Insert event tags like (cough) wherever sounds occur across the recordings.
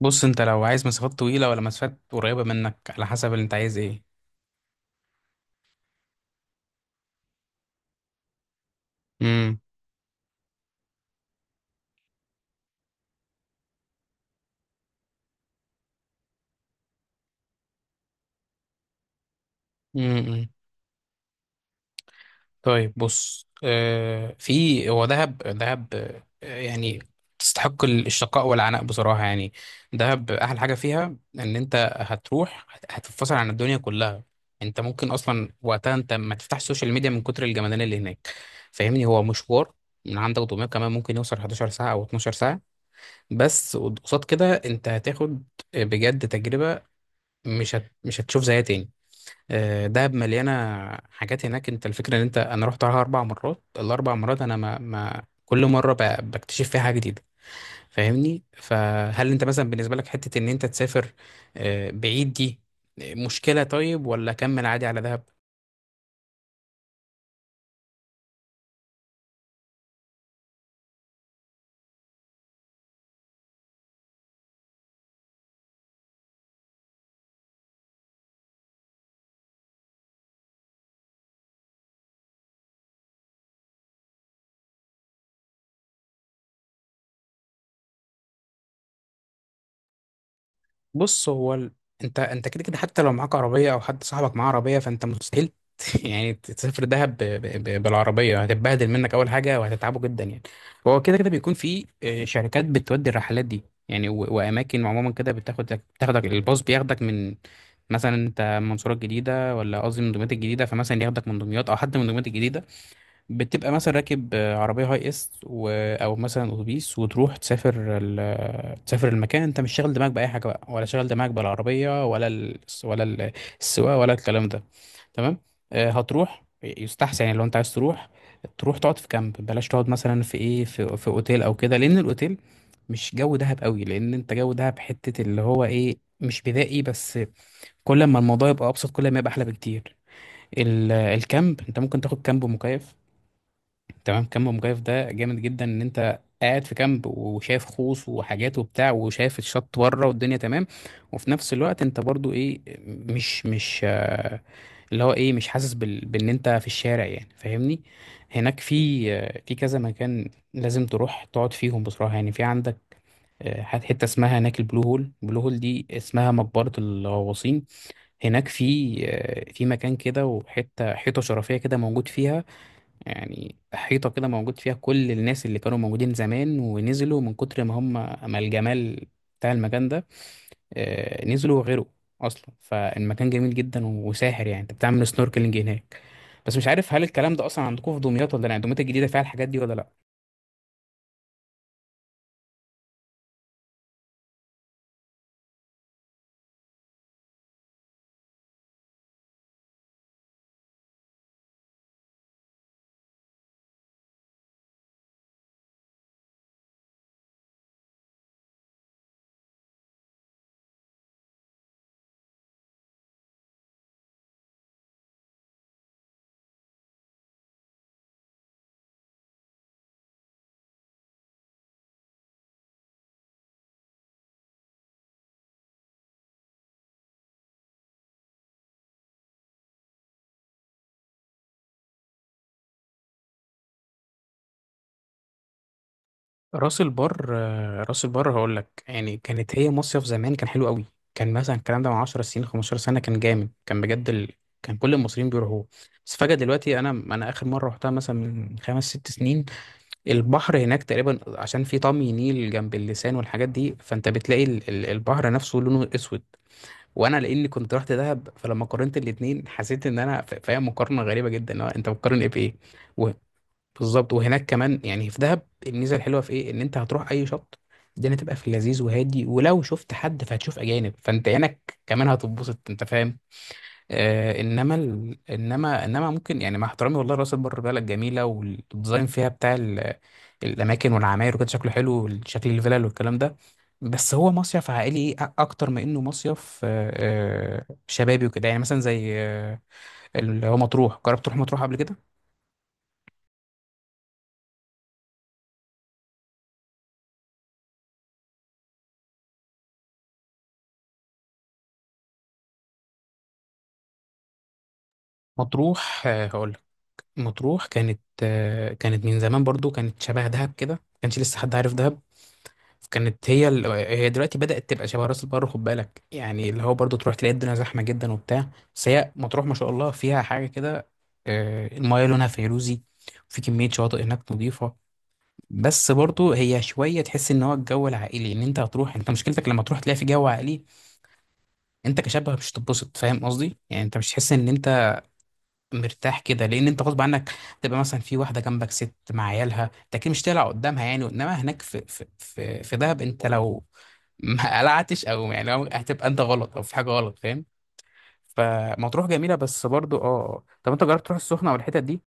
بص، انت لو عايز مسافات طويلة ولا مسافات قريبة منك، على حسب اللي انت عايز ايه؟ امم. امم. طيب، بص. في هو دهب دهب. يعني تستحق الشقاء والعناء بصراحة يعني. دهب أحلى حاجة فيها إن أنت هتروح هتتفصل عن الدنيا كلها. أنت ممكن أصلا وقتها أنت ما تفتحش السوشيال ميديا من كتر الجمدانية اللي هناك. فاهمني، هو مشوار من عندك دمياط كمان ممكن يوصل 11 ساعة أو 12 ساعة. بس قصاد كده أنت هتاخد بجد تجربة، مش هتشوف زيها تاني. دهب مليانه حاجات هناك. انت الفكره ان انت، انا رحت عليها 4 مرات، الاربع مرات انا ما كل مره بكتشف فيها حاجه جديده. فاهمني، فهل انت مثلا بالنسبه لك حته ان انت تسافر بعيد دي مشكله؟ طيب، ولا كمل عادي على دهب. بص، هو انت كده كده، حتى لو معاك عربيه او حد صاحبك معاه عربيه، فانت مستحيل (laughs) يعني تسافر دهب بالعربيه. هتتبهدل منك اول حاجه وهتتعبه جدا يعني. هو كده كده بيكون في شركات بتودي الرحلات دي يعني واماكن عموما كده بتاخدك الباص بياخدك من مثلا، انت منصوره الجديده ولا قصدي من دمياط الجديده، فمثلا ياخدك من دمياط او حد من دمياط الجديده. بتبقى مثلا راكب عربية هاي اس او مثلا اتوبيس، وتروح تسافر تسافر المكان. انت مش شاغل دماغك بأي حاجة بقى، ولا شاغل دماغك بالعربية السواقة ولا الكلام ده. تمام. هتروح، يستحسن يعني لو انت عايز تروح تروح تقعد في كامب. بلاش تقعد مثلا في ايه، في اوتيل او كده، لان الاوتيل مش جو دهب قوي. لان انت جو دهب حتة اللي هو ايه، مش بدائي، بس كل ما الموضوع يبقى ابسط كل ما يبقى احلى بكتير. الكامب انت ممكن تاخد كامب مكيف. تمام، كامب مجايف ده جامد جدا ان انت قاعد في كامب وشايف خوص وحاجات وبتاع، وشايف الشط بره والدنيا تمام. وفي نفس الوقت انت برضو ايه، مش مش آه، اللي هو ايه، مش حاسس بان انت في الشارع يعني. فاهمني، هناك في في كذا مكان لازم تروح تقعد فيهم بصراحة يعني. في عندك حتة اسمها هناك البلو هول. البلو هول دي اسمها مقبرة الغواصين. هناك في في مكان كده، وحتة حيطة شرفية كده موجود فيها، يعني حيطة كده موجود فيها كل الناس اللي كانوا موجودين زمان ونزلوا من كتر ما هم، ما الجمال بتاع المكان ده، نزلوا وغيروا أصلا. فالمكان جميل جدا وساحر يعني. أنت بتعمل سنوركلينج هناك. بس مش عارف هل الكلام ده أصلا عندكم في دمياط ولا لا، يعني دمياط الجديدة فيها الحاجات دي ولا لا؟ راس البر، راس البر هقول لك يعني، كانت هي مصيف زمان، كان حلو قوي. كان مثلا الكلام ده من 10 سنين 15 سنه، كان جامد، كان بجد كان كل المصريين بيروحوه. بس فجأة دلوقتي، انا اخر مره رحتها مثلا من 5 6 سنين. البحر هناك تقريبا، عشان في طمي نيل جنب اللسان والحاجات دي، فانت بتلاقي البحر نفسه لونه اسود. وانا لاني كنت رحت دهب، فلما قارنت الاتنين، حسيت ان انا فاهم مقارنه غريبه جدا، اللي هو انت بتقارن ايه بايه؟ بالظبط. وهناك كمان يعني في دهب الميزه الحلوه في ايه؟ ان انت هتروح اي شط، الدنيا تبقى في اللذيذ وهادي، ولو شفت حد فهتشوف اجانب، فانت عينك كمان هتتبسط. انت فاهم؟ آه. انما ال... انما انما ممكن يعني، مع احترامي والله، راس البر بلد جميله، والديزاين فيها بتاع الاماكن والعماير وكده، شكله حلو، شكل الفلل والكلام ده. بس هو مصيف عائلي، إيه؟ اكتر ما انه مصيف شبابي وكده. يعني مثلا زي اللي هو مطروح. جربت تروح مطروح قبل كده؟ مطروح مطروح كانت كانت من زمان برضو كانت شبه دهب كده، ما كانش لسه حد عارف دهب. كانت هي هي دلوقتي بدأت تبقى شبه راس البر، خد بالك، يعني اللي هو برضو تروح تلاقي الدنيا زحمة جدا وبتاع. بس هي مطروح ما شاء الله فيها حاجة كده، المايه لونها فيروزي، وفي كمية شواطئ هناك نظيفة. بس برضو هي شوية تحس ان هو الجو العائلي. ان انت هتروح، انت مشكلتك لما تروح تلاقي في جو عائلي، انت كشاب مش هتتبسط. فاهم قصدي؟ يعني انت مش تحس ان انت مرتاح كده، لان انت غصب عنك تبقى مثلا في واحده جنبك ست مع عيالها، انت اكيد مش هتقلع قدامها يعني. انما هناك في في في, في دهب، انت لو (laughs) ما قلعتش، او يعني لو هتبقى انت غلط او في حاجه غلط، فاهم؟ فمطروح جميله بس برضو طب انت جربت تروح السخنه والحتت دي؟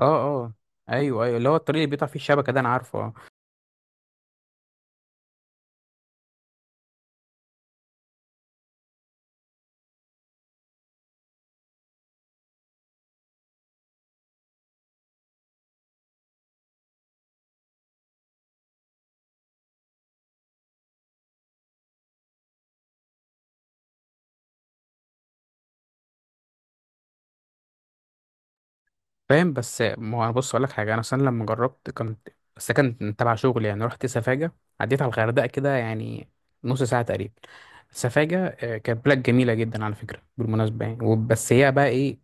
اه، اه، ايوه، ايوه، اللي هو الطريق اللي بيقطع فيه الشبكه ده انا عارفه، اه. فاهم. بس ما انا، بص اقول لك حاجه. انا اصلا لما جربت كنت، بس ده كان تبع شغل يعني، رحت سفاجه، عديت على الغردقه كده يعني نص ساعه تقريبا. سفاجة كانت بلاد جميلة جدا، على فكرة بالمناسبة يعني، بس هي بقى ايه،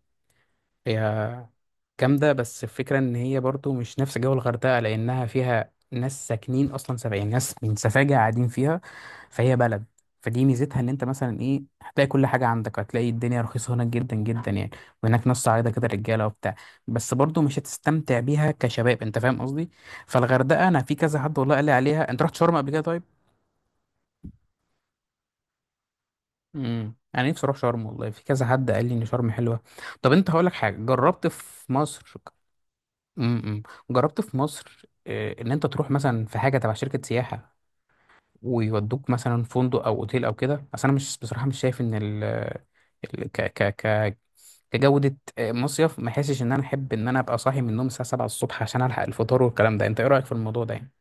هي جامدة. بس الفكرة ان هي برضو مش نفس جو الغردقة، لأنها فيها ناس ساكنين أصلا، سبع يعني ناس من سفاجة قاعدين فيها، فهي بلد. فدي ميزتها ان انت مثلا ايه، هتلاقي كل حاجة عندك، هتلاقي الدنيا رخيصة هناك جدا جدا يعني. وهناك ناس صعيدة كده، رجالة وبتاع. بس برضو مش هتستمتع بيها كشباب. انت فاهم قصدي؟ فالغردقة انا في كذا حد والله قال لي عليها. انت رحت شرم قبل كده؟ طيب، انا نفسي اروح شرم والله، في كذا حد قال لي ان شرم حلوه. طب انت هقول لك حاجه، جربت في مصر امم امم، جربت في مصر ان انت تروح مثلا في حاجه تبع شركه سياحه، ويودوك مثلا فندق او اوتيل او كده؟ اصل انا مش، بصراحه مش شايف ان ال ال- ك ك ك كجوده مصيف. ما حاسش ان انا احب ان انا ابقى صاحي من النوم الساعه 7 الصبح عشان الحق الفطار والكلام ده. انت ايه رايك في الموضوع ده يعني؟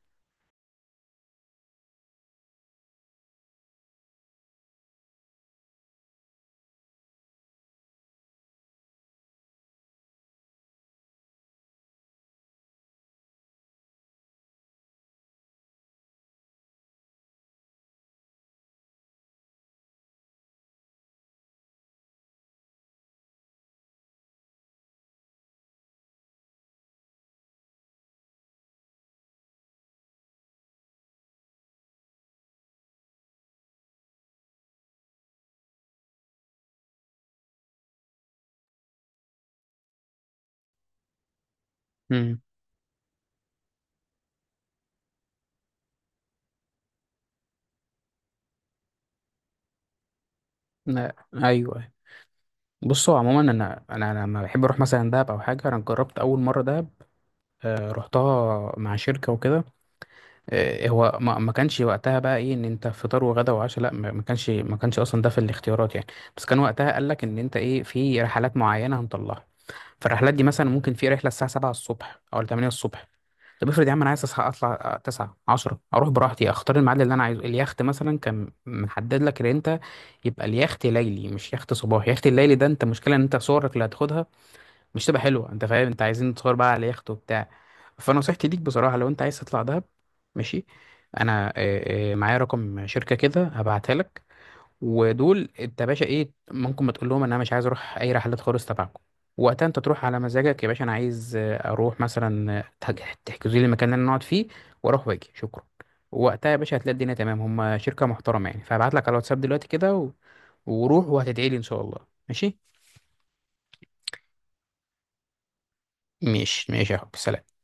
امم، لا. ايوه. بصوا عموما، انا لما بحب اروح مثلا دهب او حاجه، انا جربت اول مره ده، رحتها مع شركة وكده. هو ما كانش وقتها بقى ايه ان انت فطار وغدا وعشاء، لا، ما ما كانش، ما كانش اصلا ده في الاختيارات يعني. بس كان وقتها قال لك ان انت ايه، في رحلات معينة هنطلعها. فالرحلات دي مثلا ممكن في رحلة الساعة 7 الصبح او 8 الصبح. طب افرض يا عم انا عايز اصحى اطلع 9 10، اروح براحتي اختار الميعاد اللي انا عايزه. اليخت مثلا كان محدد لك ان انت يبقى اليخت ليلي مش يخت صباحي. اليخت الليلي ده انت مشكلة ان انت صورك اللي هتاخدها مش تبقى حلوه. انت فاهم، انت عايزين تصور بقى على يخت وبتاع. فنصيحتي ليك بصراحه لو انت عايز تطلع دهب، ماشي، انا معايا رقم شركه كده، هبعتها لك. ودول انت يا باشا ايه، ممكن ما تقول لهم ان انا مش عايز اروح اي رحلات خالص تبعكم. وقتها انت تروح على مزاجك يا باشا، انا عايز اروح مثلا تحجزوا لي المكان اللي انا اقعد فيه، واروح واجي. شكرا. وقتها يا باشا هتلاقي الدنيا تمام. هم شركه محترمه يعني، فهبعت لك على الواتساب دلوقتي كده وروح، وهتدعي لي ان شاء الله. ماشي؟ ماشي، ماشي يا حب. سلام.